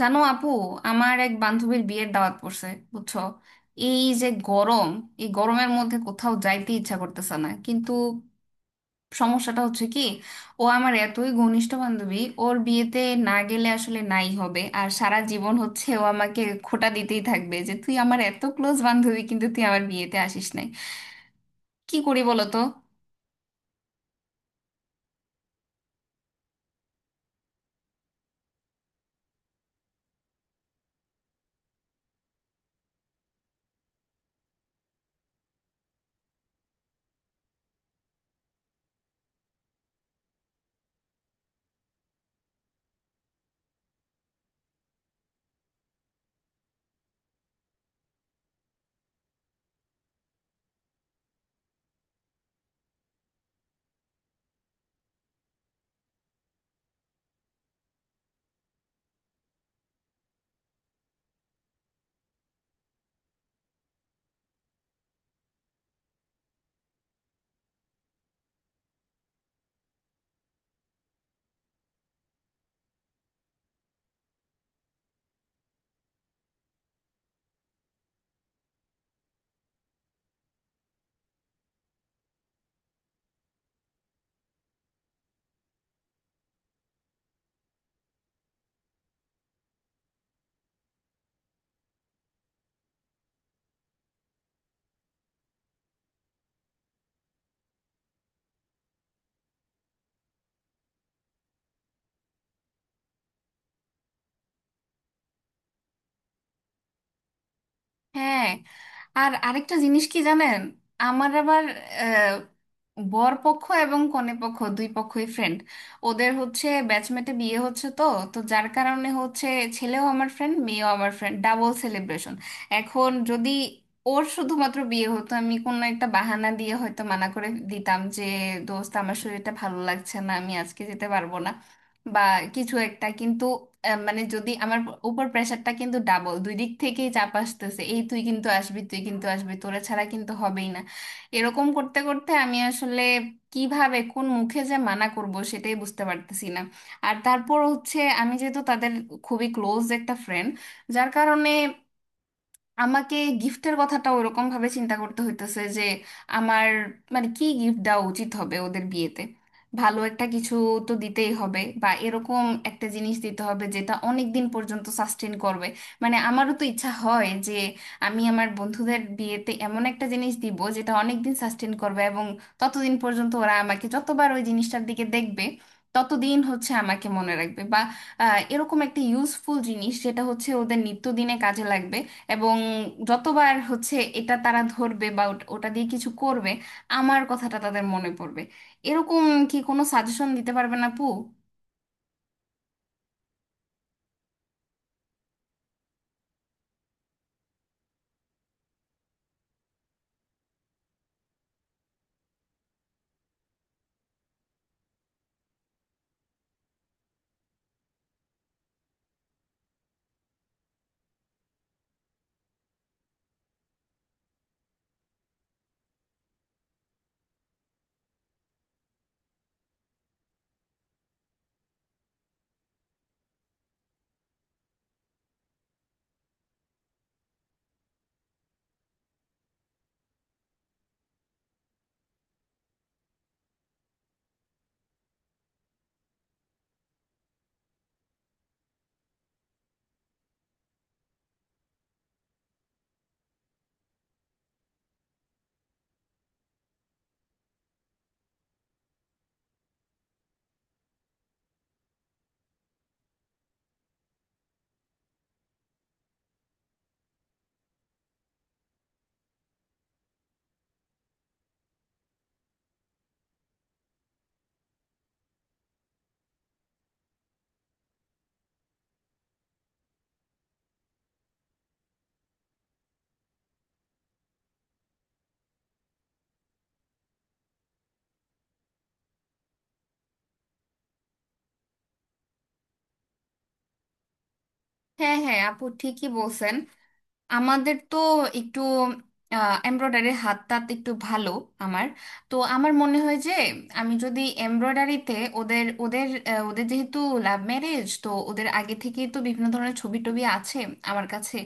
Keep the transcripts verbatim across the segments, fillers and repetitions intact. জানো আপু, আমার এক বান্ধবীর বিয়ের দাওয়াত পড়ছে, বুঝছো? এই যে গরম, এই গরমের মধ্যে কোথাও যাইতে ইচ্ছা করতেছে না, কিন্তু সমস্যাটা হচ্ছে কি, ও আমার এতই ঘনিষ্ঠ বান্ধবী, ওর বিয়েতে না গেলে আসলে নাই হবে। আর সারা জীবন হচ্ছে ও আমাকে খোঁটা দিতেই থাকবে যে তুই আমার এত ক্লোজ বান্ধবী, কিন্তু তুই আমার বিয়েতে আসিস নাই। কি করি বলো তো? হ্যাঁ, আর আরেকটা জিনিস কি জানেন, আমার আবার আহ, বর পক্ষ এবং কনে পক্ষ, দুই পক্ষই ফ্রেন্ড। ওদের হচ্ছে ব্যাচমেটে বিয়ে হচ্ছে তো, তো যার কারণে হচ্ছে ছেলেও আমার ফ্রেন্ড, মেয়েও আমার ফ্রেন্ড, ডাবল সেলিব্রেশন। এখন যদি ওর শুধুমাত্র বিয়ে হতো, আমি কোনো একটা বাহানা দিয়ে হয়তো মানা করে দিতাম যে দোস্ত আমার শরীরটা ভালো লাগছে না, আমি আজকে যেতে পারবো না বা কিছু একটা। কিন্তু আহ, মানে যদি আমার উপর প্রেশারটা, কিন্তু ডাবল দুই দিক থেকেই চাপ আসতেছে, এই তুই কিন্তু আসবি, তুই কিন্তু আসবি, তোরা ছাড়া কিন্তু হবেই না। এরকম করতে করতে আমি আসলে কিভাবে কোন মুখে যে মানা করব সেটাই বুঝতে পারতেছি না। আর তারপর হচ্ছে আমি যেহেতু তাদের খুবই ক্লোজ একটা ফ্রেন্ড, যার কারণে আমাকে গিফটের কথাটা ওরকম ভাবে চিন্তা করতে হইতেছে। যে আমার মানে কি গিফট দেওয়া উচিত হবে ওদের বিয়েতে। ভালো একটা কিছু তো দিতেই হবে, বা এরকম একটা জিনিস দিতে হবে যেটা অনেক দিন পর্যন্ত সাস্টেন করবে। মানে আমারও তো ইচ্ছা হয় যে আমি আমার বন্ধুদের বিয়েতে এমন একটা জিনিস দিব যেটা অনেক দিন সাস্টেন করবে, এবং ততদিন পর্যন্ত ওরা আমাকে যতবার ওই জিনিসটার দিকে দেখবে ততদিন হচ্ছে আমাকে মনে রাখবে। বা আহ, এরকম একটা ইউজফুল জিনিস যেটা হচ্ছে ওদের নিত্যদিনে কাজে লাগবে, এবং যতবার হচ্ছে এটা তারা ধরবে বা ওট- ওটা দিয়ে কিছু করবে আমার কথাটা তাদের মনে পড়বে, এরকম কি কোনো সাজেশন দিতে পারবেন আপু? হ্যাঁ হ্যাঁ আপু, ঠিকই বলছেন। আমাদের তো একটু এমব্রয়ডারি হাত টাত একটু ভালো। আমার তো আমার মনে হয় যে আমি যদি এমব্রয়ডারিতে ওদের ওদের আহ, ওদের যেহেতু লাভ ম্যারেজ, তো ওদের আগে থেকেই তো বিভিন্ন ধরনের ছবি টবি আছে আমার কাছে।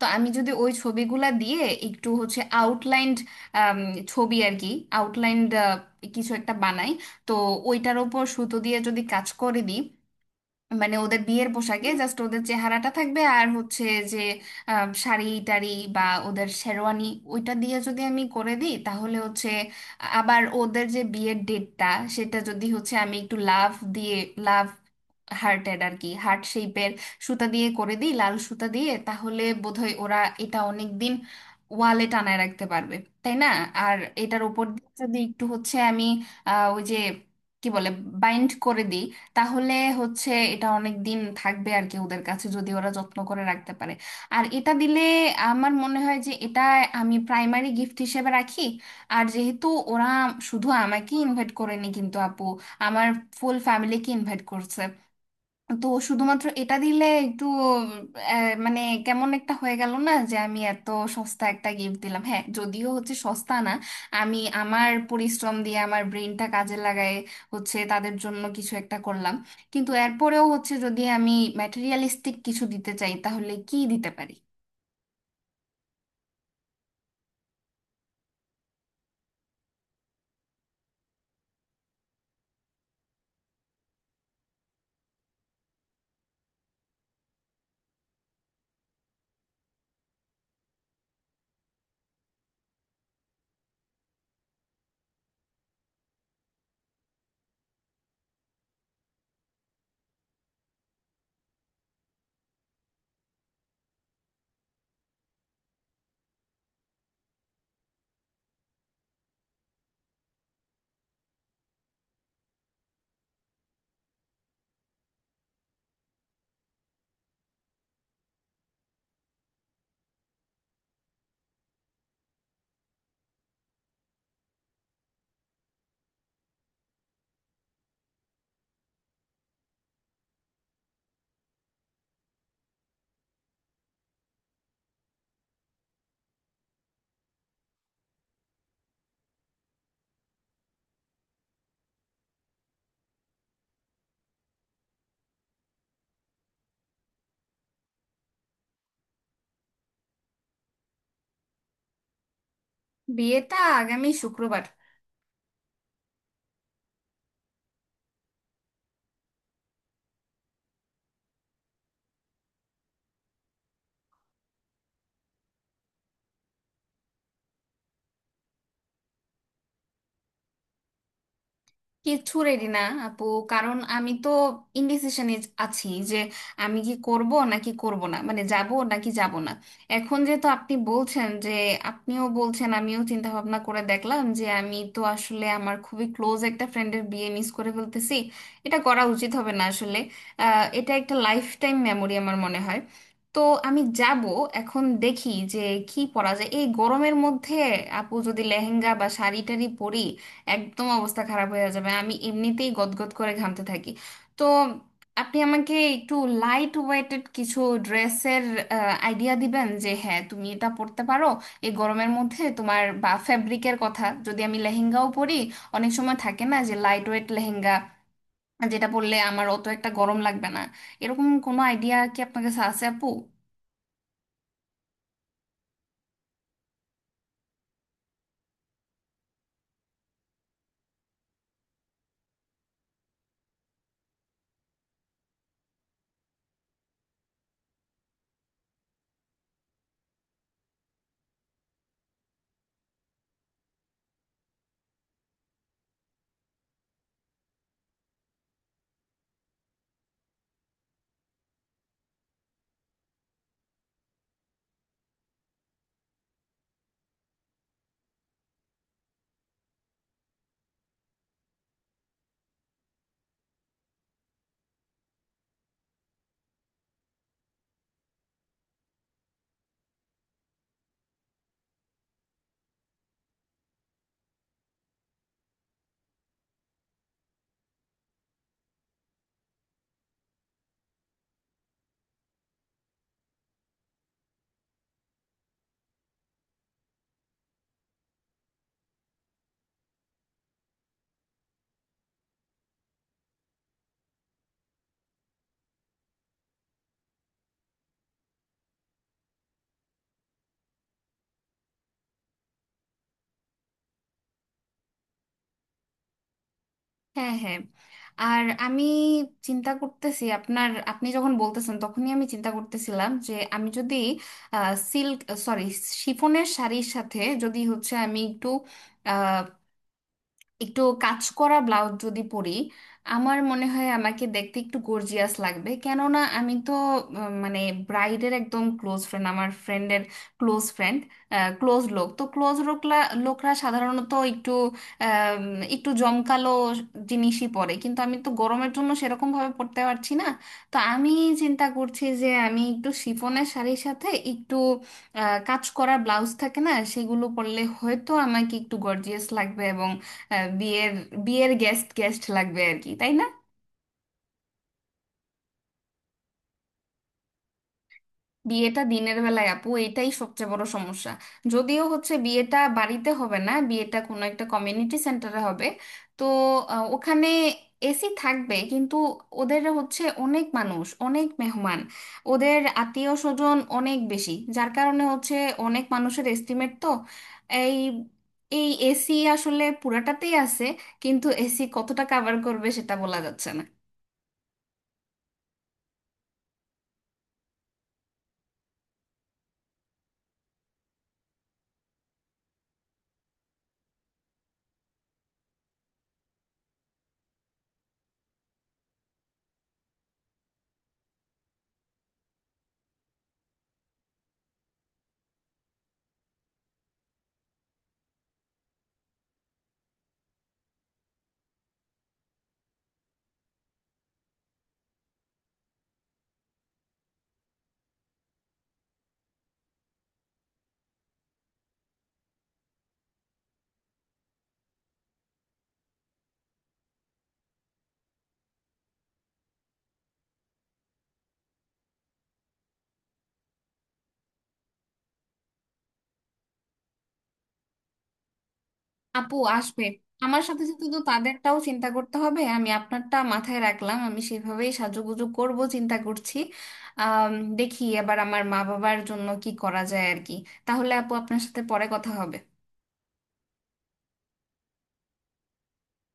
তো আমি যদি ওই ছবিগুলা দিয়ে একটু হচ্ছে আউটলাইন্ড ছবি আর কি, আউটলাইন্ড কিছু একটা বানাই, তো ওইটার ওপর সুতো দিয়ে যদি কাজ করে দিই, মানে ওদের বিয়ের পোশাকে জাস্ট ওদের চেহারাটা থাকবে আর হচ্ছে যে আম, শাড়ি টাড়ি বা ওদের শেরওয়ানি, ওইটা দিয়ে যদি আমি করে দিই তাহলে হচ্ছে। আবার ওদের যে বিয়ের ডেটটা, সেটা যদি হচ্ছে আমি একটু লাভ দিয়ে, লাভ হার্টের আর কি, হার্ট শেপের সুতা দিয়ে করে দিই, লাল সুতা দিয়ে, তাহলে বোধহয় ওরা এটা অনেক দিন ওয়ালে টানায় রাখতে পারবে, তাই না? আর এটার উপর দিয়ে যদি একটু হচ্ছে আমি আহ, ওই যে কি বলে বাইন্ড করে দিই, তাহলে হচ্ছে এটা অনেক দিন থাকবে আর কি, ওদের কাছে যদি ওরা যত্ন করে রাখতে পারে। আর এটা দিলে আমার মনে হয় যে এটা আমি প্রাইমারি গিফট হিসেবে রাখি। আর যেহেতু ওরা শুধু আমাকে ইনভাইট করেনি কিন্তু আপু, আমার ফুল ফ্যামিলিকে ইনভাইট করছে, তো শুধুমাত্র এটা দিলে একটু আহ, মানে কেমন একটা হয়ে গেল না, যে আমি এত সস্তা একটা গিফট দিলাম। হ্যাঁ, যদিও হচ্ছে সস্তা না, আমি আমার পরিশ্রম দিয়ে আমার ব্রেনটা কাজে লাগায় হচ্ছে তাদের জন্য কিছু একটা করলাম, কিন্তু এরপরেও হচ্ছে যদি আমি ম্যাটেরিয়ালিস্টিক কিছু দিতে চাই, তাহলে কি দিতে পারি? বিয়েটা আগামী শুক্রবার। কিছু রেডি না আপু, কারণ আমি তো ইনডিসিশনে আছি যে আমি কি করব নাকি করব না, মানে যাব নাকি যাব না। এখন যেহেতু আপনি বলছেন যে, আপনিও বলছেন, আমিও চিন্তা ভাবনা করে দেখলাম যে আমি তো আসলে আমার খুবই ক্লোজ একটা ফ্রেন্ডের বিয়ে মিস করে ফেলতেছি, এটা করা উচিত হবে না আসলে। আহ, এটা একটা লাইফ টাইম মেমোরি আমার মনে হয়। তো আমি যাব। এখন দেখি যে কি পরা যায় এই গরমের মধ্যে। আপু যদি লেহেঙ্গা বা শাড়ি টাড়ি পরি, একদম অবস্থা খারাপ হয়ে যাবে, আমি এমনিতেই গদগদ করে ঘামতে থাকি। তো আপনি আমাকে একটু লাইট ওয়েটেড কিছু ড্রেসের আইডিয়া দিবেন যে হ্যাঁ তুমি এটা পরতে পারো এই গরমের মধ্যে তোমার, বা ফ্যাব্রিকের কথা যদি আমি লেহেঙ্গাও পরি, অনেক সময় থাকে না যে লাইট ওয়েট লেহেঙ্গা যেটা পরলে আমার অত একটা গরম লাগবে না, এরকম কোনো আইডিয়া কি আপনার কাছে আছে আপু? হ্যাঁ হ্যাঁ, আর আমি চিন্তা করতেছি আপনার, আপনি যখন বলতেছেন তখনই আমি চিন্তা করতেছিলাম যে আমি যদি সিল্ক, সরি, শিফনের শাড়ির সাথে যদি হচ্ছে আমি একটু, একটু কাজ করা ব্লাউজ যদি পরি, আমার মনে হয় আমাকে দেখতে একটু গর্জিয়াস লাগবে। কেননা আমি তো আহ, মানে ব্রাইডের একদম ক্লোজ ফ্রেন্ড, আমার ফ্রেন্ডের ক্লোজ ফ্রেন্ড, ক্লোজ লোক, তো ক্লোজ লোকরা লোকরা সাধারণত একটু আম, একটু জমকালো জিনিসই পরে, কিন্তু আমি তো গরমের জন্য সেরকম ভাবে পরতে পারছি না। তো আমি চিন্তা করছি যে আমি একটু শিফনের শাড়ির সাথে একটু আহ, কাজ করা ব্লাউজ থাকে না, সেগুলো পরলে হয়তো আমাকে একটু গর্জিয়াস লাগবে। হ্যাঁ, বিয়ের বিয়ের গেস্ট গেস্ট লাগবে আর কি, তাই না? বিয়েটা দিনের বেলায় আপু, এটাই সবচেয়ে বড় সমস্যা। যদিও হচ্ছে বিয়েটা বাড়িতে হবে না, বিয়েটা কোনো একটা কমিউনিটি সেন্টারে হবে। তো আহ, ওখানে এসি থাকবে, কিন্তু ওদের হচ্ছে অনেক মানুষ, অনেক মেহমান, ওদের আত্মীয় স্বজন অনেক বেশি, যার কারণে হচ্ছে অনেক মানুষের এস্টিমেট তো, এই এই এসি আসলে পুরাটাতেই আছে, কিন্তু এসি কতটা কভার করবে সেটা বলা যাচ্ছে না। আপু আসবে, আমার সাথে সাথে তো তাদেরটাও চিন্তা করতে হবে। আমি আপনারটা মাথায় রাখলাম, আমি সেভাবেই সাজুগুজু করব চিন্তা করছি। আম, দেখি এবার আমার মা বাবার জন্য কি করা যায় আর কি। তাহলে আপু, আপনার সাথে পরে কথা হবে।